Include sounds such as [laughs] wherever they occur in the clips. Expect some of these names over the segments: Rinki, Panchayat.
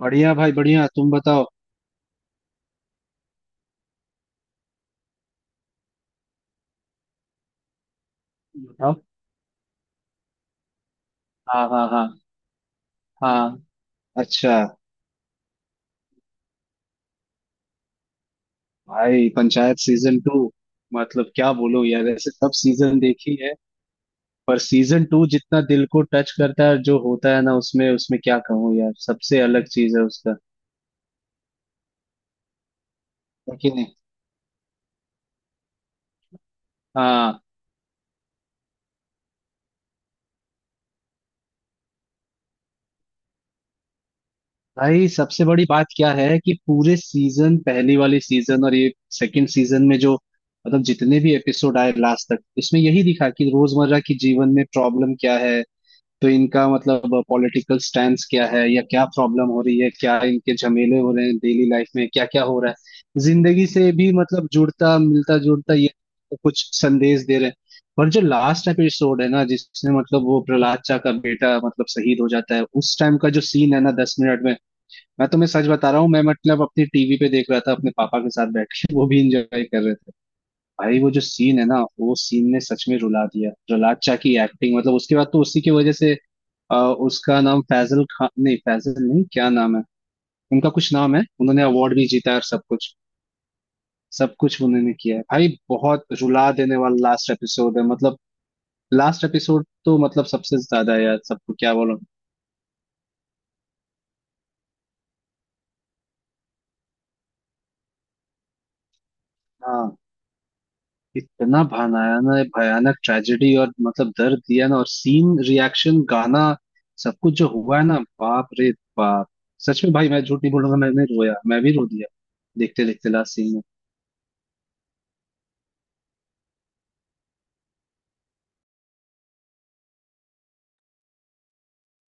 बढ़िया भाई बढ़िया। तुम बताओ। बताओ। हाँ हाँ हाँ। हाँ, अच्छा। भाई, पंचायत सीजन टू, मतलब क्या बोलो यार, ऐसे सब सीजन देखी है। पर सीजन टू जितना दिल को टच करता है, और जो होता है ना, उसमें उसमें क्या कहूँ यार, सबसे अलग चीज है उसका। है कि नहीं। हाँ, भाई सबसे बड़ी बात क्या है कि पूरे सीजन, पहली वाली सीजन और ये सेकंड सीजन में जो, मतलब जितने भी एपिसोड आए लास्ट तक, इसमें यही दिखा कि रोजमर्रा की जीवन में प्रॉब्लम क्या है। तो इनका मतलब पॉलिटिकल स्टैंड क्या है, या क्या प्रॉब्लम हो रही है, क्या इनके झमेले हो रहे हैं डेली लाइफ में, क्या क्या हो रहा है, जिंदगी से भी मतलब जुड़ता मिलता जुड़ता, ये कुछ संदेश दे रहे हैं। पर जो लास्ट एपिसोड है ना, जिसने मतलब, वो प्रहलाद चा का बेटा मतलब शहीद हो जाता है, उस टाइम का जो सीन है ना, 10 मिनट में, मैं तुम्हें सच बता रहा हूँ, मैं मतलब अपनी टीवी पे देख रहा था, अपने पापा के साथ बैठ के, वो भी इंजॉय कर रहे थे। भाई वो जो सीन है ना, वो सीन ने सच में रुला दिया। प्रहलाद चा की एक्टिंग मतलब उसके बाद तो उसी की वजह से, अ, उसका नाम फैजल खान, नहीं फैजल नहीं, क्या नाम है, उनका कुछ नाम है, उन्होंने अवार्ड भी जीता है और सब कुछ। सब कुछ उन्होंने किया है भाई। बहुत रुला देने वाला लास्ट एपिसोड है मतलब। लास्ट एपिसोड तो मतलब सबसे ज्यादा है यार, सबको क्या बोलो। हाँ, इतना भयानक भयानक ट्रेजेडी और मतलब दर्द दिया ना, और सीन, रिएक्शन, गाना, सब कुछ जो हुआ है ना, बाप रे बाप। सच में भाई, मैं झूठ नहीं बोलूंगा, मैंने रोया, मैं भी रो दिया, देखते देखते लास्ट सीन में।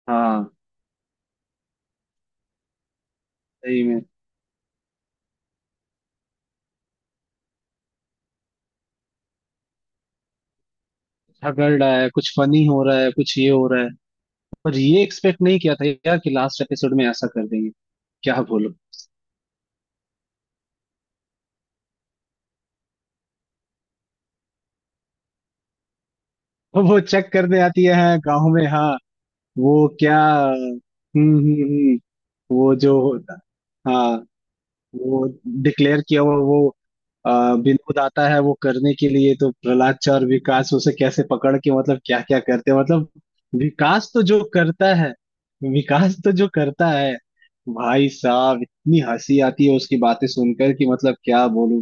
हाँ, सही में। झगड़ रहा है, कुछ फनी हो रहा है, कुछ ये हो रहा है। पर ये एक्सपेक्ट नहीं किया था यार कि लास्ट एपिसोड में ऐसा कर देंगे। क्या बोलो। वो चेक करने आती है, हाँ, गाँव में। हाँ, वो क्या, हम्म हम्म हम्म, वो जो होता, हाँ वो डिक्लेयर किया हुआ वो, अ, विनोद आता है वो करने के लिए, तो प्रहलाद चा और विकास उसे कैसे पकड़ के मतलब क्या क्या करते हैं मतलब। विकास तो जो करता है, विकास तो जो करता है, भाई साहब इतनी हंसी आती है उसकी बातें सुनकर कि मतलब क्या बोलूं।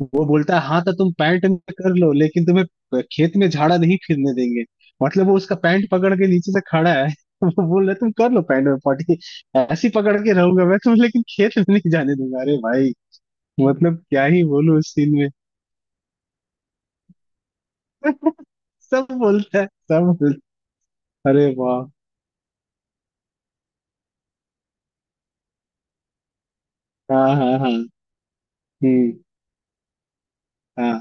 वो बोलता है, हाँ तो तुम पैंट में कर लो लेकिन तुम्हें खेत में झाड़ा नहीं फिरने देंगे। मतलब वो उसका पैंट पकड़ के नीचे से खड़ा है, [laughs] वो बोल रहा है तुम कर लो पैंट में पॉटी। ऐसी पकड़ के रहूंगा मैं तुम, लेकिन खेत में नहीं जाने दूंगा। अरे भाई, मतलब क्या ही बोलूं उस सीन में। सब बोलता है, सब बोलता है। अरे वाह। हाँ हाँ हाँ। हम्म। हाँ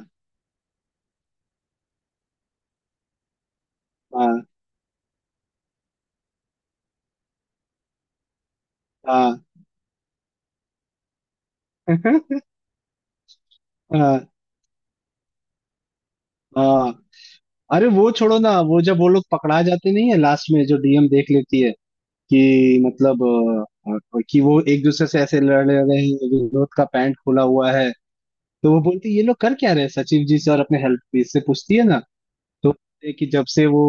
हाँ हाँ। [laughs] हाँ हाँ। अरे वो छोड़ो ना, वो जब वो लोग पकड़ा जाते नहीं है लास्ट में, जो डीएम देख लेती है कि मतलब, कि वो एक दूसरे से ऐसे लड़ रहे हैं, विनोद का पैंट खुला हुआ है, तो वो बोलती है, "ये लोग कर क्या रहे हैं?" सचिव जी से और अपने हेल्प से पूछती है ना। तो है कि जब से वो,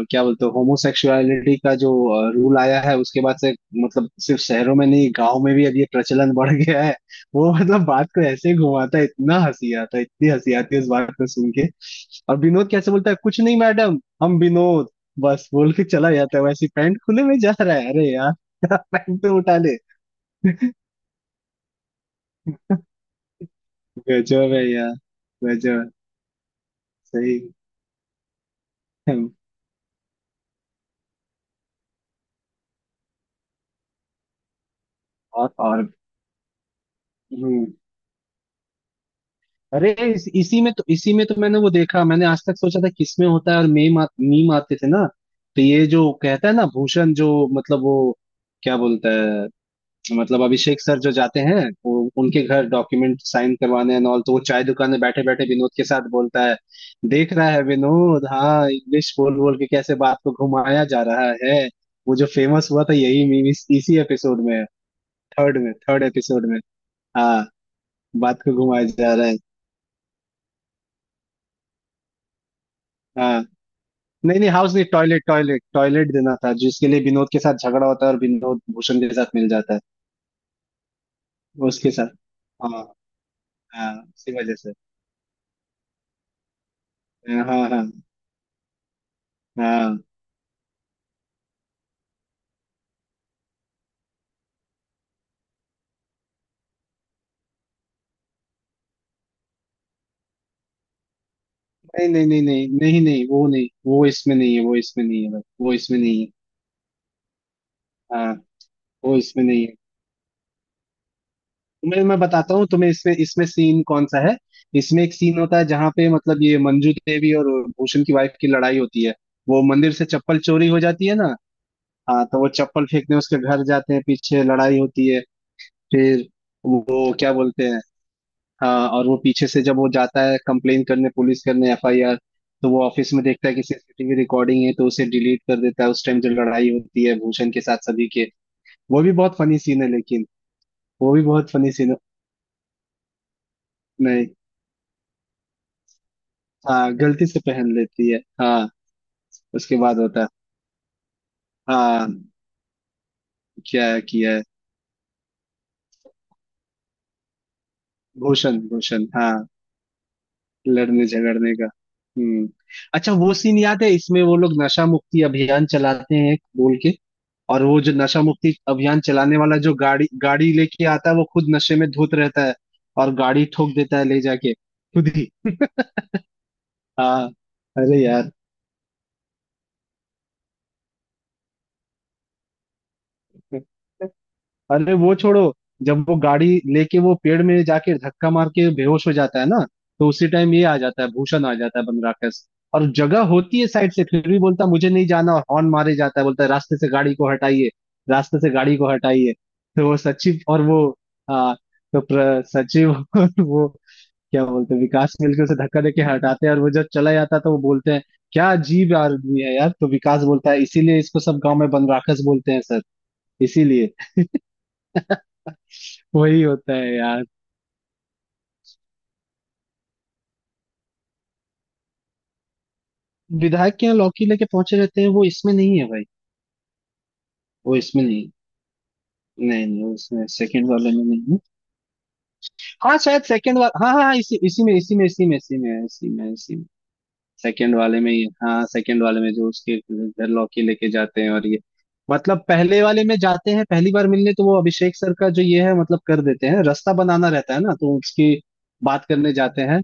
क्या बोलते हैं, होमोसेक्सुअलिटी का जो रूल आया है उसके बाद से, मतलब सिर्फ शहरों में नहीं, गांव में भी अब ये प्रचलन बढ़ गया है। वो मतलब बात को ऐसे घुमाता है, इतना हंसी आता है, इतनी हंसी आती है इस बात को सुन के। और विनोद कैसे बोलता है, कुछ नहीं मैडम, हम विनोद, बस बोल के चला जाता है। वैसे पैंट खुले में जा रहा है, अरे यार, [laughs] पैंट तो उठा ले। गजब है यार, गजब। सही। और, हम्म, अरे इसी में तो, इसी में तो मैंने वो देखा। मैंने आज तक सोचा था किसमें होता है, और मीम आते थे ना, तो ये जो कहता है ना भूषण, जो मतलब, वो क्या बोलता है, मतलब अभिषेक सर जो जाते हैं वो उनके घर डॉक्यूमेंट साइन करवाने एंड ऑल, तो वो चाय दुकान में बैठे बैठे विनोद के साथ बोलता है, देख रहा है विनोद, हाँ इंग्लिश बोल बोल के कैसे बात को घुमाया जा रहा है। वो जो फेमस हुआ था, यही मीम इसी एपिसोड में है। थर्ड में, थर्ड एपिसोड में। हाँ, बात को घुमाया जा रहा है। हाँ। नहीं नहीं, हाउस नहीं, टॉयलेट टॉयलेट टॉयलेट देना था, जिसके लिए विनोद के साथ झगड़ा होता है, और विनोद भूषण के साथ मिल जाता है, उसके साथ। हाँ हाँ, इसी वजह से। हाँ हाँ हाँ। नहीं नहीं नहीं नहीं नहीं नहीं, वो नहीं, वो इसमें नहीं है, वो इसमें नहीं है भाई, वो इसमें नहीं है। हाँ वो इसमें नहीं है। तुम्हें मैं बताता हूँ तुम्हें, इसमें इसमें सीन कौन सा है। इसमें एक सीन होता है जहाँ पे मतलब ये मंजू देवी और भूषण की वाइफ की लड़ाई होती है। वो मंदिर से चप्पल चोरी हो जाती है ना, हाँ तो वो चप्पल फेंकने उसके घर जाते हैं, पीछे लड़ाई होती है। फिर वो क्या बोलते हैं, हाँ, और वो पीछे से जब वो जाता है कंप्लेन करने, पुलिस करने, एफआईआर, तो वो ऑफिस में देखता है कि सीसीटीवी रिकॉर्डिंग है, तो उसे डिलीट कर देता है उस टाइम। जो लड़ाई होती है भूषण के साथ सभी के, वो भी बहुत फनी सीन है लेकिन, वो भी बहुत फनी सीन है। नहीं, हाँ गलती से पहन लेती है, हाँ उसके बाद होता है। हाँ, क्या किया है। भूषण, भूषण, हाँ, लड़ने झगड़ने का। हम्म। अच्छा, वो सीन याद है इसमें, वो लोग नशा मुक्ति अभियान चलाते हैं बोल के, और वो जो नशा मुक्ति अभियान चलाने वाला जो गाड़ी गाड़ी लेके आता है, वो खुद नशे में धुत रहता है, और गाड़ी ठोक देता है ले जाके खुद ही। हाँ। अरे यार, अरे वो छोड़ो। जब वो गाड़ी लेके वो पेड़ में जाके धक्का मार के बेहोश हो जाता है ना, तो उसी टाइम ये आ जाता है, भूषण आ जाता है, बनराकस, और जगह होती है साइड से, फिर भी बोलता है, मुझे नहीं जाना, और हॉर्न मारे जाता है, बोलता है रास्ते से गाड़ी को हटाइए, रास्ते से गाड़ी को हटाइए। तो वो सचिव और वो, हाँ तो सचिव [laughs] और वो क्या बोलते हैं विकास मिलकर उसे धक्का देके हटाते हैं, और वो जब चला जाता है तो वो बोलते हैं क्या अजीब आदमी है यार। तो विकास बोलता है, इसीलिए इसको सब गांव में बनराकस बोलते हैं सर। इसीलिए [laughs] वही होता है यार। विधायक के यहाँ लौकी लेके पहुंचे रहते हैं, वो इसमें नहीं है भाई, वो इसमें नहीं। नहीं नहीं, वो इसमें सेकंड वाले में नहीं है। हाँ शायद सेकंड वाला, हाँ हाँ हाँ, इसी इसी में इसी में इसी में इसी में इसी में इसी में, सेकंड वाले में ही, हाँ सेकंड वाले में जो उसके घर लौकी लेके जाते हैं और ये, मतलब पहले वाले में जाते हैं पहली बार मिलने, तो वो अभिषेक सर का जो ये है मतलब कर देते हैं, रास्ता बनाना रहता है ना, तो उसकी बात करने जाते हैं,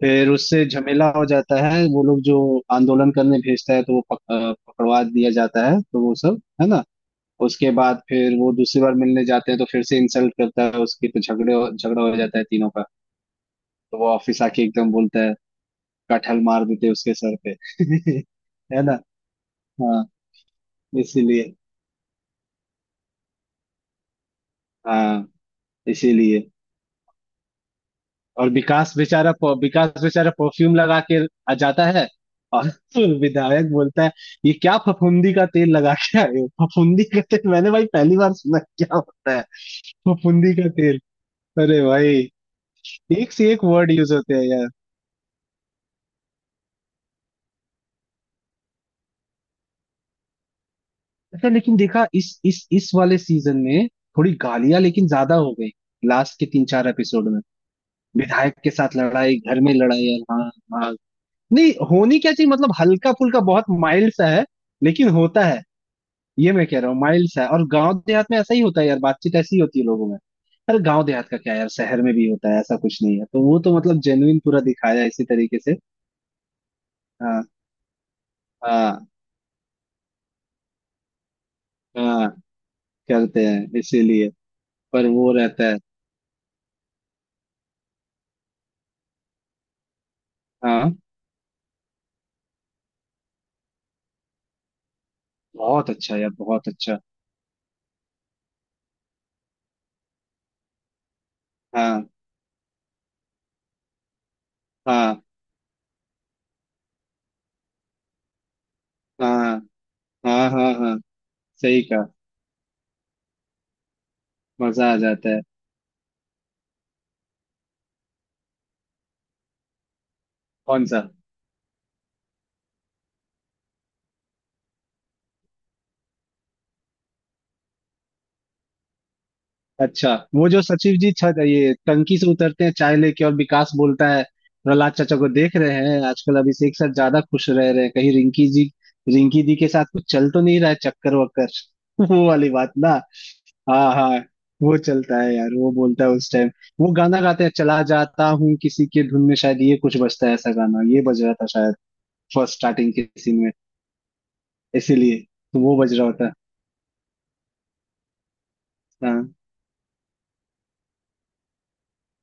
फिर उससे झमेला हो जाता है, वो लोग जो आंदोलन करने भेजता है तो वो पकड़वा दिया जाता है, तो वो सब है ना। उसके बाद फिर वो दूसरी बार मिलने जाते हैं तो फिर से इंसल्ट करता है उसकी, तो झगड़े झगड़ा हो जाता है तीनों का, तो वो ऑफिस आके एकदम बोलता है, कटहल मार देते उसके सर पे [laughs] है ना। हाँ, इसीलिए। हाँ, इसीलिए, और विकास बेचारा विकास बेचारा परफ्यूम लगा के आ जाता है, और [laughs] विधायक बोलता है, ये क्या फफूंदी का तेल लगा के आए हो। फफूंदी का तेल मैंने भाई पहली बार सुना है, क्या होता है फफूंदी का तेल, अरे भाई, एक से एक वर्ड यूज होते हैं यार। अच्छा लेकिन देखा, इस वाले सीजन में थोड़ी गालियां लेकिन ज्यादा हो गई। लास्ट के तीन चार एपिसोड में, विधायक के साथ लड़ाई, घर में लड़ाई, और हाँ। हाँ, नहीं होनी क्या चाहिए मतलब, हल्का फुल्का बहुत माइल्ड सा है लेकिन होता है। ये मैं कह रहा हूँ माइल्ड सा है, और गांव देहात में ऐसा ही होता है यार, बातचीत ऐसी ही होती है लोगों में। अरे गांव देहात का क्या यार, शहर में भी होता है ऐसा, कुछ नहीं है, तो वो तो मतलब जेन्युइन पूरा दिखाया है इसी तरीके से। हाँ हाँ हाँ, करते हैं इसीलिए। पर वो रहता है। हाँ, बहुत अच्छा यार, बहुत अच्छा। हाँ हाँ हाँ हाँ हाँ हाँ, सही कहा। मजा आ जाता है। कौन सा, अच्छा, वो जो सचिव जी छत, ये टंकी से उतरते हैं चाय लेके, और विकास बोलता है, प्रहलाद चाचा को देख रहे हैं आजकल अभिषेक सर ज्यादा खुश रह रहे हैं, कहीं रिंकी जी, रिंकी दी के साथ कुछ चल तो नहीं रहा है चक्कर वक्कर, [laughs] वो वाली बात ना। हाँ हाँ, वो चलता है यार। वो बोलता है उस टाइम, वो गाना गाते हैं, चला जाता हूँ किसी के धुन में, शायद ये कुछ बजता है, ऐसा गाना ये बज रहा था शायद फर्स्ट स्टार्टिंग के सीन में, इसीलिए, तो वो बज रहा होता है। हाँ,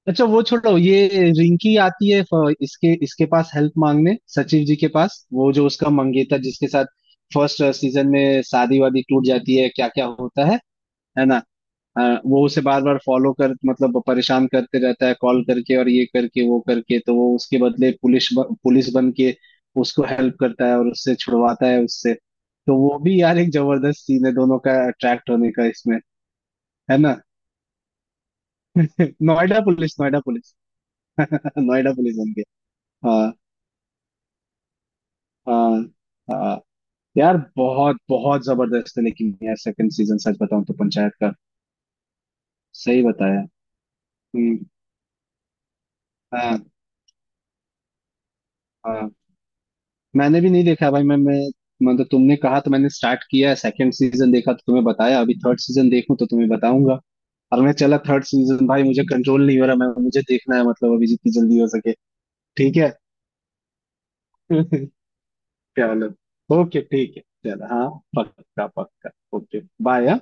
अच्छा वो छोड़ो ये। रिंकी आती है इसके इसके पास हेल्प मांगने सचिव जी के पास, वो जो उसका मंगेतर जिसके साथ फर्स्ट सीजन में शादी वादी टूट जाती है, क्या क्या होता है ना, वो उसे बार बार फॉलो कर मतलब परेशान करते रहता है, कॉल करके और ये करके वो करके, तो वो उसके बदले पुलिस पुलिस बन के उसको हेल्प करता है और उससे छुड़वाता है उससे। तो वो भी यार एक जबरदस्त सीन है, दोनों का अट्रैक्ट होने का इसमें। है ना, [laughs] Noida police, Noida police. [laughs] Noida police बन गया। हाँ हाँ हाँ। यार बहुत बहुत जबरदस्त है लेकिन यार सेकंड सीजन, सच बताऊं तो पंचायत का। सही बताया। हम्म। हाँ हाँ, मैंने भी नहीं देखा भाई। मैं मतलब तुमने कहा तो मैंने स्टार्ट किया, सेकंड सीजन देखा तो तुम्हें बताया, अभी थर्ड सीजन देखूं तो तुम्हें बताऊंगा। और मैं चला थर्ड सीजन भाई, मुझे कंट्रोल नहीं हो रहा, मैं, मुझे देखना है मतलब अभी जितनी जल्दी हो सके। ठीक है। [laughs] चलो, ओके, ठीक है। चलो, हाँ, पक्का पक्का। Okay, bye.